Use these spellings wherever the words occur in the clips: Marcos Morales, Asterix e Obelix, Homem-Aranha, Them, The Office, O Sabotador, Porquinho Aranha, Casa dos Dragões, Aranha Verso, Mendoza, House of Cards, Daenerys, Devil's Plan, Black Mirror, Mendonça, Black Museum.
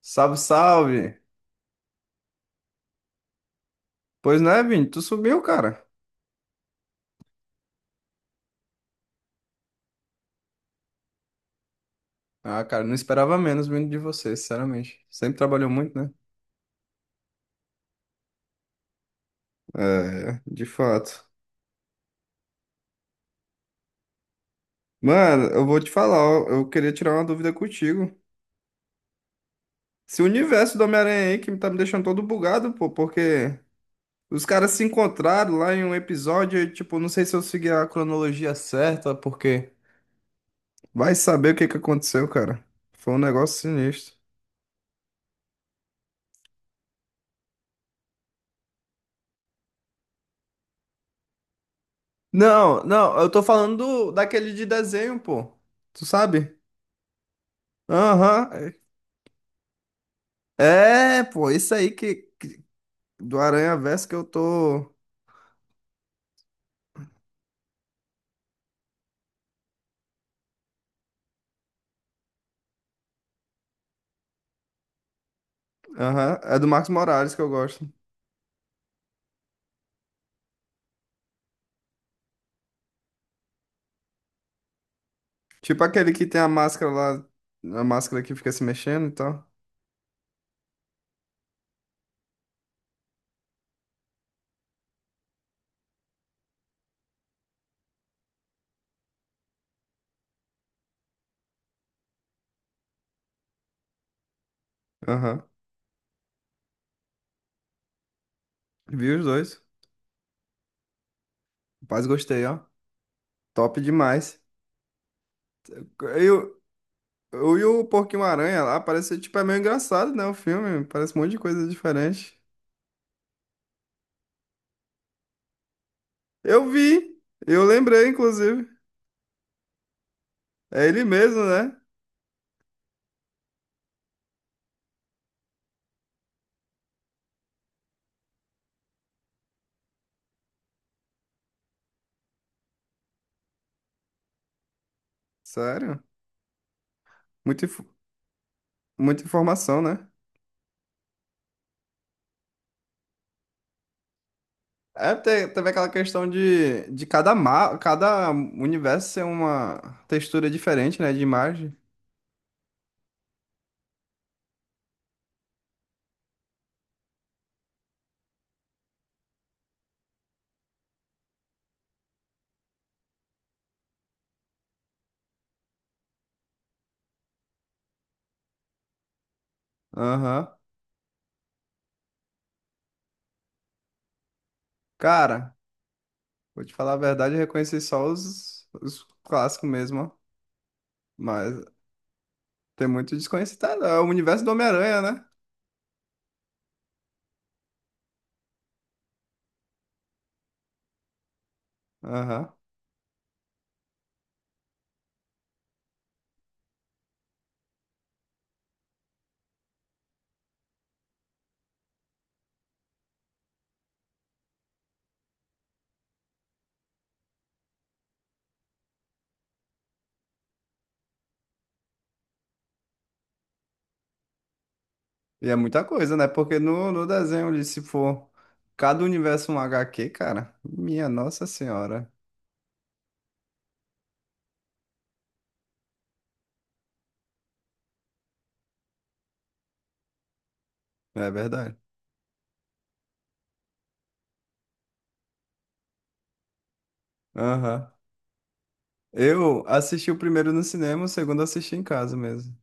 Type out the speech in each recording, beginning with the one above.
Salve, salve! Pois não é, Vini? Tu subiu, cara. Ah, cara, não esperava menos vindo de você, sinceramente. Sempre trabalhou muito, né? É, de fato. Mano, eu vou te falar, ó, eu queria tirar uma dúvida contigo. Esse universo do Homem-Aranha aí que tá me deixando todo bugado, pô, porque os caras se encontraram lá em um episódio, e, tipo, não sei se eu segui a cronologia certa, porque vai saber o que que aconteceu, cara. Foi um negócio sinistro. Não, não, eu tô falando daquele de desenho, pô. Tu sabe? Aham. É, pô, isso aí que do Aranha Verso que eu tô. Aham. É do Marcos Morales que eu gosto. Tipo aquele que tem a máscara lá, a máscara que fica se mexendo e tal. Aham. Vi os dois. Rapaz, gostei, ó. Top demais. E o, e o Porquinho Aranha lá parece, tipo, é meio engraçado, né? O filme. Parece um monte de coisa diferente. Eu vi. Eu lembrei, inclusive. É ele mesmo, né? Sério. Muita, inf- Muita informação, né? É, teve aquela questão de cada, ma cada universo ser uma textura diferente, né, de imagem. Aham. Cara, vou te falar a verdade, eu reconheci só os clássicos mesmo, ó. Mas tem muito desconhecido. Tá, é o universo do Homem-Aranha, né? Aham. E é muita coisa, né? Porque no, no desenho, ele, se for cada universo um H Q, cara, minha Nossa Senhora. É verdade. Aham. Eu assisti o primeiro no cinema, o segundo eu assisti em casa mesmo.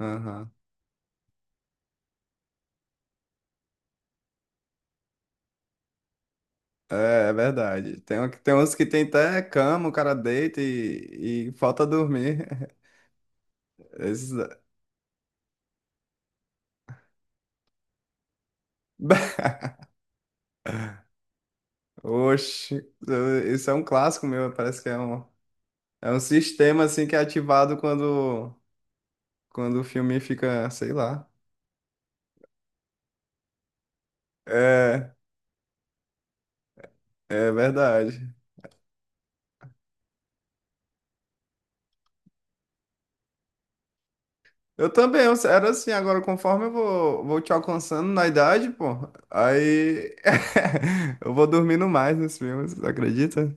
Aham. É, é verdade. Tem, tem uns que tem até cama, o cara deita e falta dormir. Esses- Oxe, isso é um clássico meu. Parece que é um sistema assim que é ativado quando, quando o filme fica, sei lá. É, é verdade. Eu também, eu era assim, agora conforme eu vou, vou te alcançando na idade, pô, aí eu vou dormindo mais nos filmes, acredita?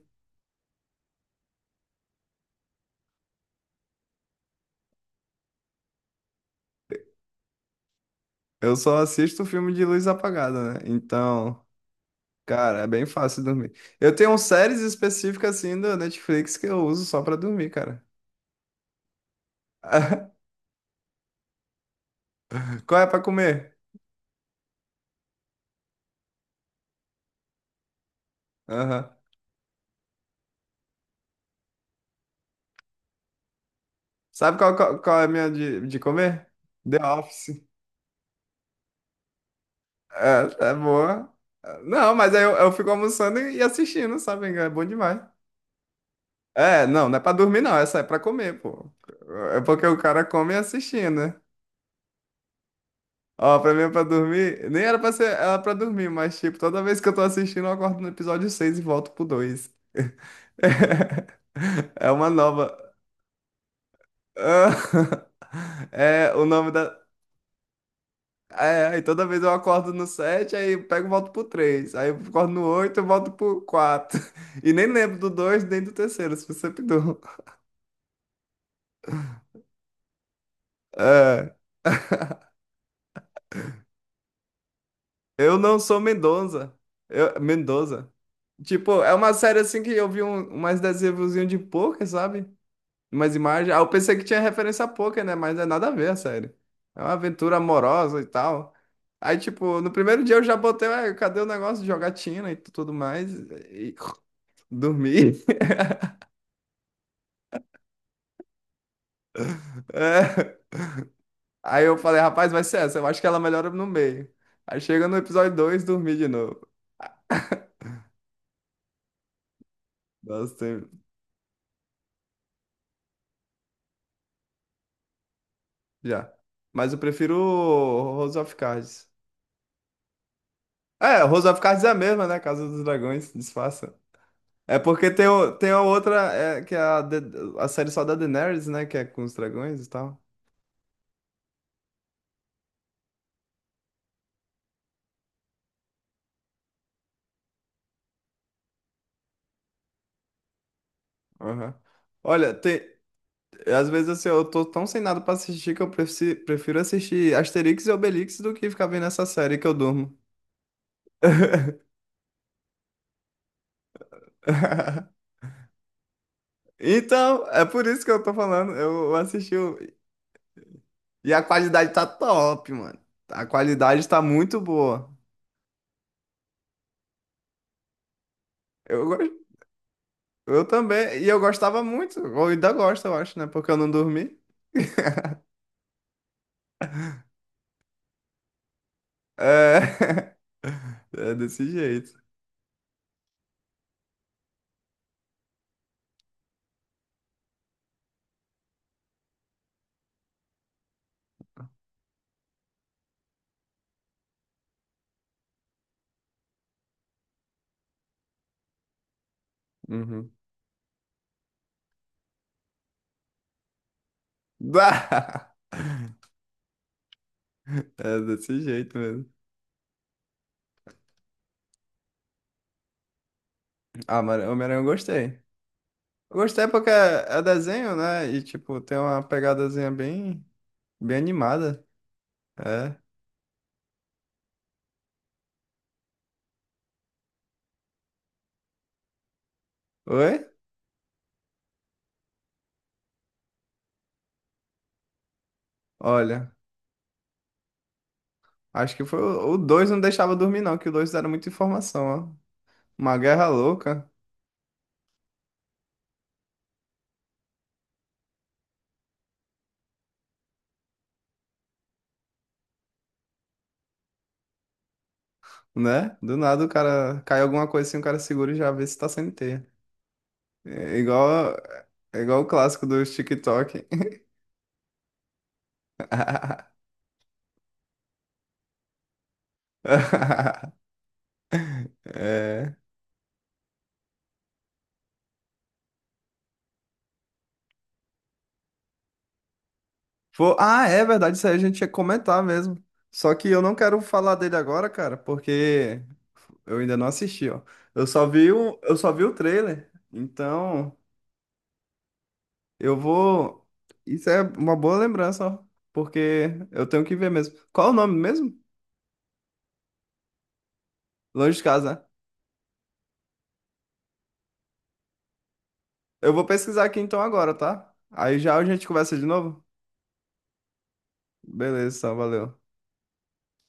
Eu só assisto filme de luz apagada, né? Então. Cara, é bem fácil dormir. Eu tenho séries específicas assim da Netflix que eu uso só pra dormir, cara. Qual é pra comer? Aham. Sabe qual, qual é a minha de comer? The Office. É, é boa. Não, mas aí eu fico almoçando e assistindo, sabe? É bom demais. É, não, não é pra dormir, não. Essa é pra comer, pô. É porque o cara come assistindo, né? Ó, pra mim é pra dormir. Nem era pra ser, era pra dormir, mas tipo, toda vez que eu tô assistindo, eu acordo no episódio 6 e volto pro dois. É uma nova. Ah, é o nome da. É, aí toda vez eu acordo no sete, aí eu pego e volto pro três. Aí eu acordo no 8 e volto pro quatro. E nem lembro do 2 nem do terceiro, se você perdoa. É. Eu não sou Mendonça. Eu, Mendoza. Tipo, é uma série assim que eu vi um, mais adesivozinho de poker, sabe? Umas imagens. Ah, eu pensei que tinha referência a poker, né? Mas é nada a ver, a série. É uma aventura amorosa e tal. Aí, tipo, no primeiro dia eu já botei, ué, cadê o negócio de jogatina e tudo mais? E dormi. É. Aí eu falei, rapaz, vai ser essa. Eu acho que ela melhora no meio. Aí chega no episódio 2 dormi de novo. Nossa, tem... Já. Mas eu prefiro o House of Cards. É, House of Cards é a mesma, né? Casa dos Dragões, disfarça. É porque tem, o, tem a outra, é, que é a, a série só da Daenerys, né? Que é com os dragões e tal. Aham. Olha, tem, às vezes assim, eu tô tão sem nada pra assistir que eu prefiro assistir Asterix e Obelix do que ficar vendo essa série que eu durmo. Então, é por isso que eu tô falando. Eu assisti o... E a qualidade tá top, mano. A qualidade tá muito boa. Eu, gos- eu também. E eu gostava muito. Eu ainda gosto, eu acho, né? Porque eu não dormi. É, é desse jeito. Uhum. Bah! É desse jeito mesmo. Ah, mano, Homem-Aranha eu gostei. Eu gostei porque é é desenho, né? E, tipo, tem uma pegadazinha bem, bem animada. É. Oi? Olha, acho que foi o dois, não deixava dormir, não, que o dois era muita informação, ó. Uma guerra louca, né? Do nada o cara cai alguma coisa assim, o cara segura e já vê se tá sem teia. É igual, é igual o clássico dos TikTok. É. Pô, ah, é verdade, isso aí a gente ia comentar mesmo. Só que eu não quero falar dele agora, cara, porque eu ainda não assisti, ó. Eu só vi o trailer. Então, eu vou. Isso é uma boa lembrança, ó. Porque eu tenho que ver mesmo. Qual é o nome mesmo? Longe de casa, né? Eu vou pesquisar aqui então agora, tá? Aí já a gente conversa de novo? Beleza, então, valeu.